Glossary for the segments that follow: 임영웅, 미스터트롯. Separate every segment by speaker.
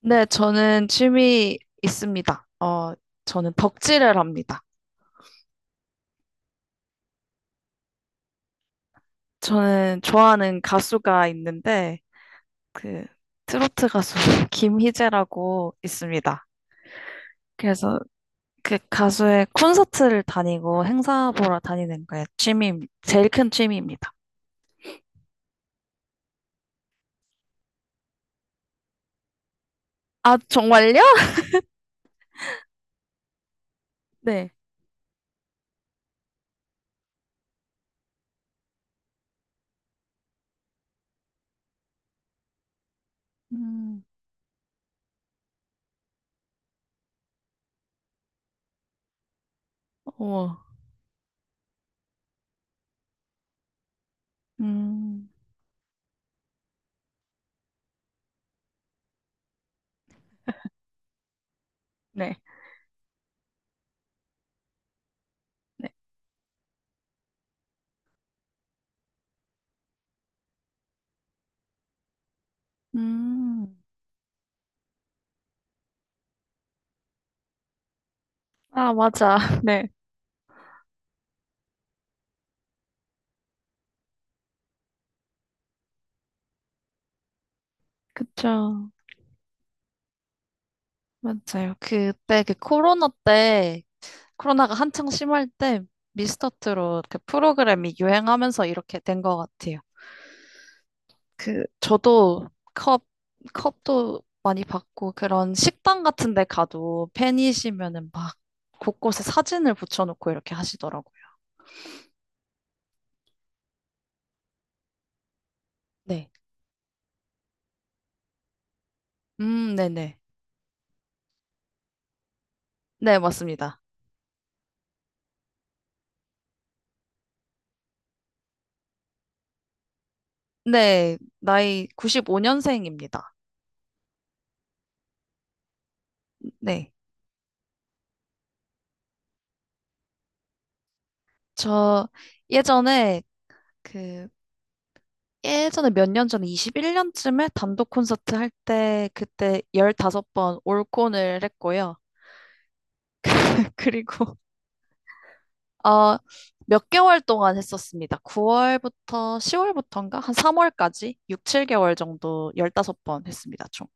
Speaker 1: 네, 저는 취미 있습니다. 저는 덕질을 합니다. 저는 좋아하는 가수가 있는데, 그, 트로트 가수 김희재라고 있습니다. 그래서 그 가수의 콘서트를 다니고 행사 보러 다니는 거에 취미, 제일 큰 취미입니다. 아, 정말요? 네. 음, 어머. 음, 네. 네. 음, 아, 맞아. 네. 그쵸. 맞아요. 그때 그 코로나 때 코로나가 한창 심할 때 미스터트롯 그 프로그램이 유행하면서 이렇게 된 것 같아요. 그 저도 컵 컵도 많이 받고 그런 식당 같은 데 가도 팬이시면은 막 곳곳에 사진을 붙여놓고 이렇게 하시더라고요. 네. 네네. 네, 맞습니다. 네, 나이 95년생입니다. 네. 저 예전에 그 예전에 몇 년 전에 21년쯤에 단독 콘서트 할 때 그때 15번 올콘을 했고요. 그리고 어, 몇 개월 동안 했었습니다. 9월부터 10월부터인가? 한 3월까지 6, 7개월 정도 15번 했습니다, 총.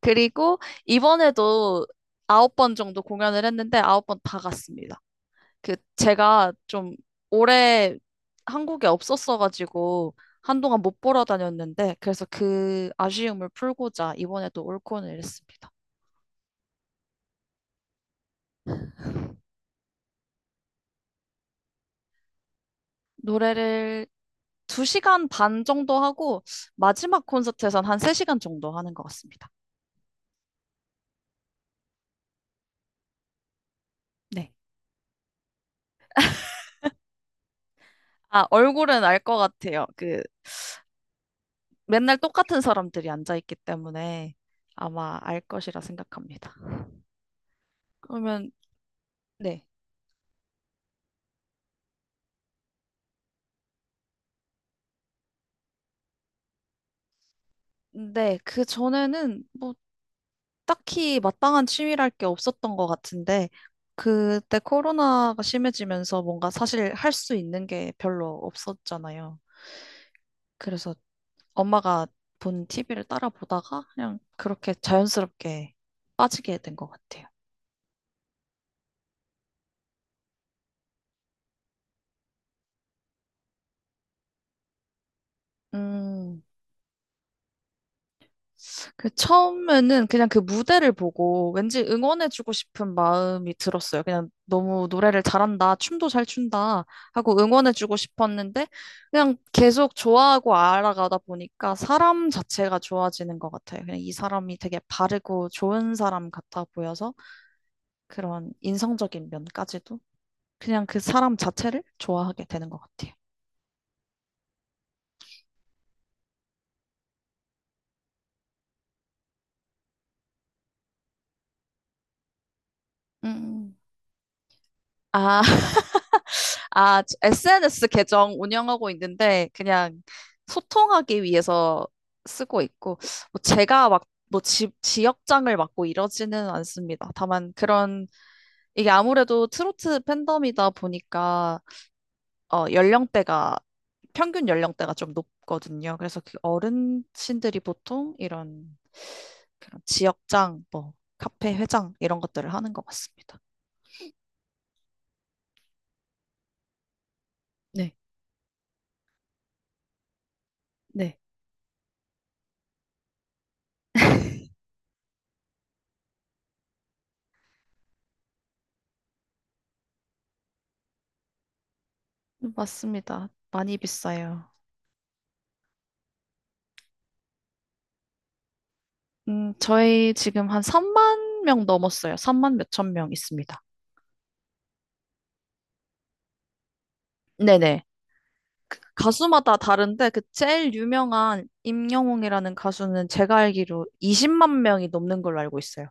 Speaker 1: 그리고 이번에도 9번 정도 공연을 했는데 9번 다 갔습니다. 그 제가 좀 오래 한국에 없었어가지고 한동안 못 보러 다녔는데 그래서 그 아쉬움을 풀고자 이번에도 올콘을 했습니다. 노래를 2시간 반 정도 하고 마지막 콘서트에선 한 3시간 정도 하는 것 같습니다. 네. 아, 얼굴은 알 것 같아요. 그 맨날 똑같은 사람들이 앉아있기 때문에 아마 알 것이라 생각합니다. 그러면 네. 네, 그 전에는 뭐 딱히 마땅한 취미랄 게 없었던 것 같은데, 그때 코로나가 심해지면서 뭔가 사실 할 수 있는 게 별로 없었잖아요. 그래서 엄마가 본 TV를 따라 보다가 그냥 그렇게 자연스럽게 빠지게 된 것 같아요. 음, 그 처음에는 그냥 그 무대를 보고 왠지 응원해주고 싶은 마음이 들었어요. 그냥 너무 노래를 잘한다, 춤도 잘 춘다 하고 응원해주고 싶었는데 그냥 계속 좋아하고 알아가다 보니까 사람 자체가 좋아지는 것 같아요. 그냥 이 사람이 되게 바르고 좋은 사람 같아 보여서 그런 인성적인 면까지도 그냥 그 사람 자체를 좋아하게 되는 것 같아요. 음. 아. 아, 저 SNS 계정 운영하고 있는데 그냥 소통하기 위해서 쓰고 있고 뭐 제가 막 뭐 지역장을 맡고 이러지는 않습니다. 다만 그런 이게 아무래도 트로트 팬덤이다 보니까 연령대가 평균 연령대가 좀 높거든요. 그래서 그 어른신들이 보통 이런 그런 지역장 뭐 카페 회장 이런 것들을 하는 것 같습니다. 네, 네. 맞습니다. 많이 비싸요. 저희 지금 한 3만 명 넘었어요. 3만 몇천 명 있습니다. 네네. 가수마다 다른데 그 제일 유명한 임영웅이라는 가수는 제가 알기로 20만 명이 넘는 걸로 알고 있어요.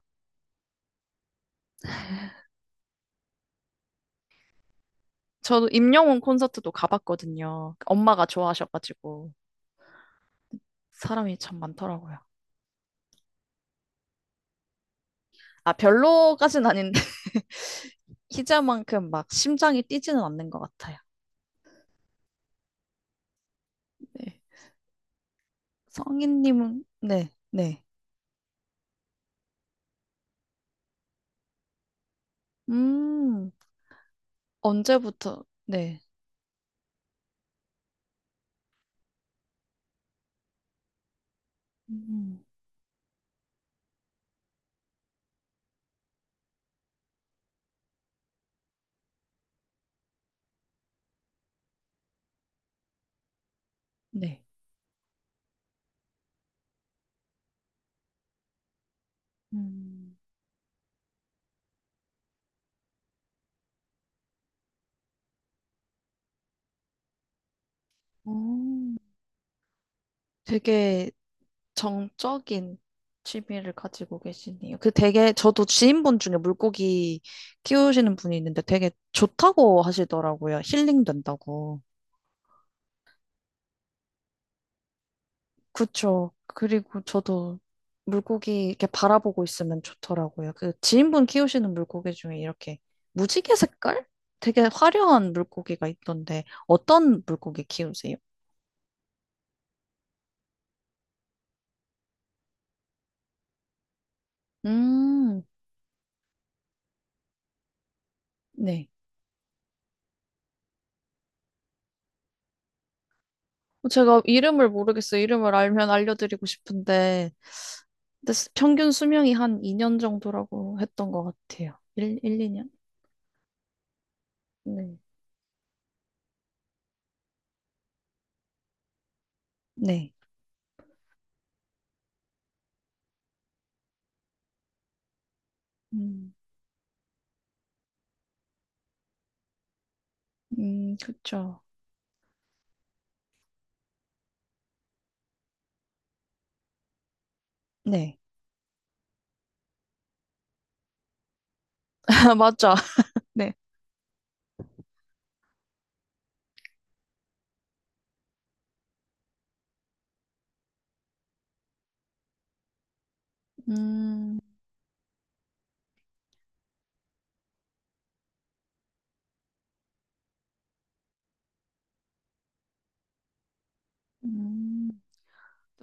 Speaker 1: 저도 임영웅 콘서트도 가봤거든요. 엄마가 좋아하셔가지고 사람이 참 많더라고요. 아, 별로까진 아닌데 희자만큼 막 심장이 뛰지는 않는 것 같아요. 네. 성인님은 네, 네. 음, 언제부터? 네. 음, 네. 음. 오 되게 정적인 취미를 가지고 계시네요. 그 되게 저도 지인분 중에 물고기 키우시는 분이 있는데 되게 좋다고 하시더라고요. 힐링 된다고. 그쵸. 그리고 저도 물고기 이렇게 바라보고 있으면 좋더라고요. 그 지인분 키우시는 물고기 중에 이렇게 무지개 색깔? 되게 화려한 물고기가 있던데 어떤 물고기 키우세요? 음, 네. 제가 이름을 모르겠어요. 이름을 알면 알려드리고 싶은데, 근데 평균 수명이 한 2년 정도라고 했던 것 같아요. 1, 1, 2년? 네. 네. 음, 그쵸. 네. 맞죠. 네. 음, 음.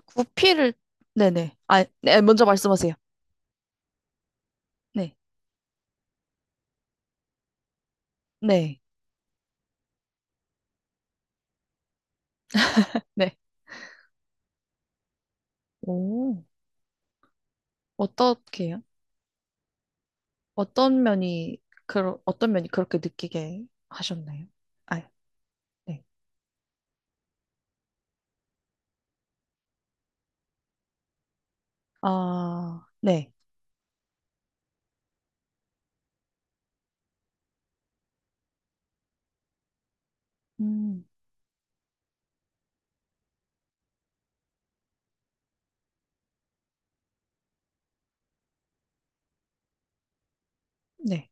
Speaker 1: 구피를, 네네. 아, 네, 먼저 말씀하세요. 네. 네. 네. 오, 어떻게요? 어떤 면이, 어떤 면이 그렇게 느끼게 하셨나요? 아, 네. 아, 네. 음. 네,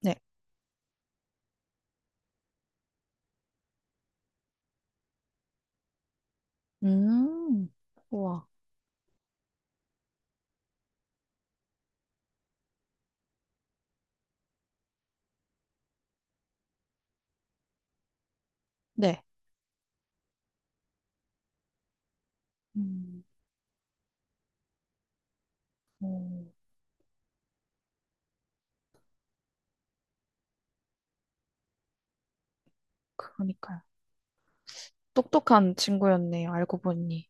Speaker 1: 네. 음, 우와, 네. 음, 오, 그러니까요. 똑똑한 친구였네요, 알고 보니.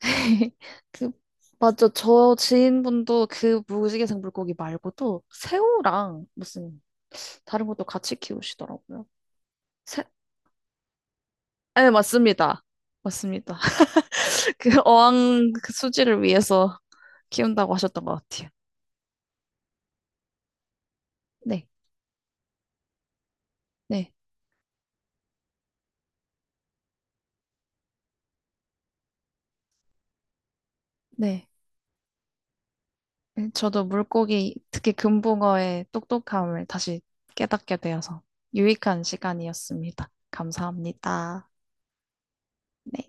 Speaker 1: 그, 맞죠. 저 지인분도 그 무지개색 물고기 말고도 새우랑 무슨 다른 것도 같이 키우시더라고요. 새, 네, 맞습니다. 맞습니다. 그 어항 그 수질을 위해서 키운다고 하셨던 것 같아요. 네, 네, 네. 네, 저도 물고기, 특히 금붕어의 똑똑함을 다시 깨닫게 되어서 유익한 시간이었습니다. 감사합니다. 네.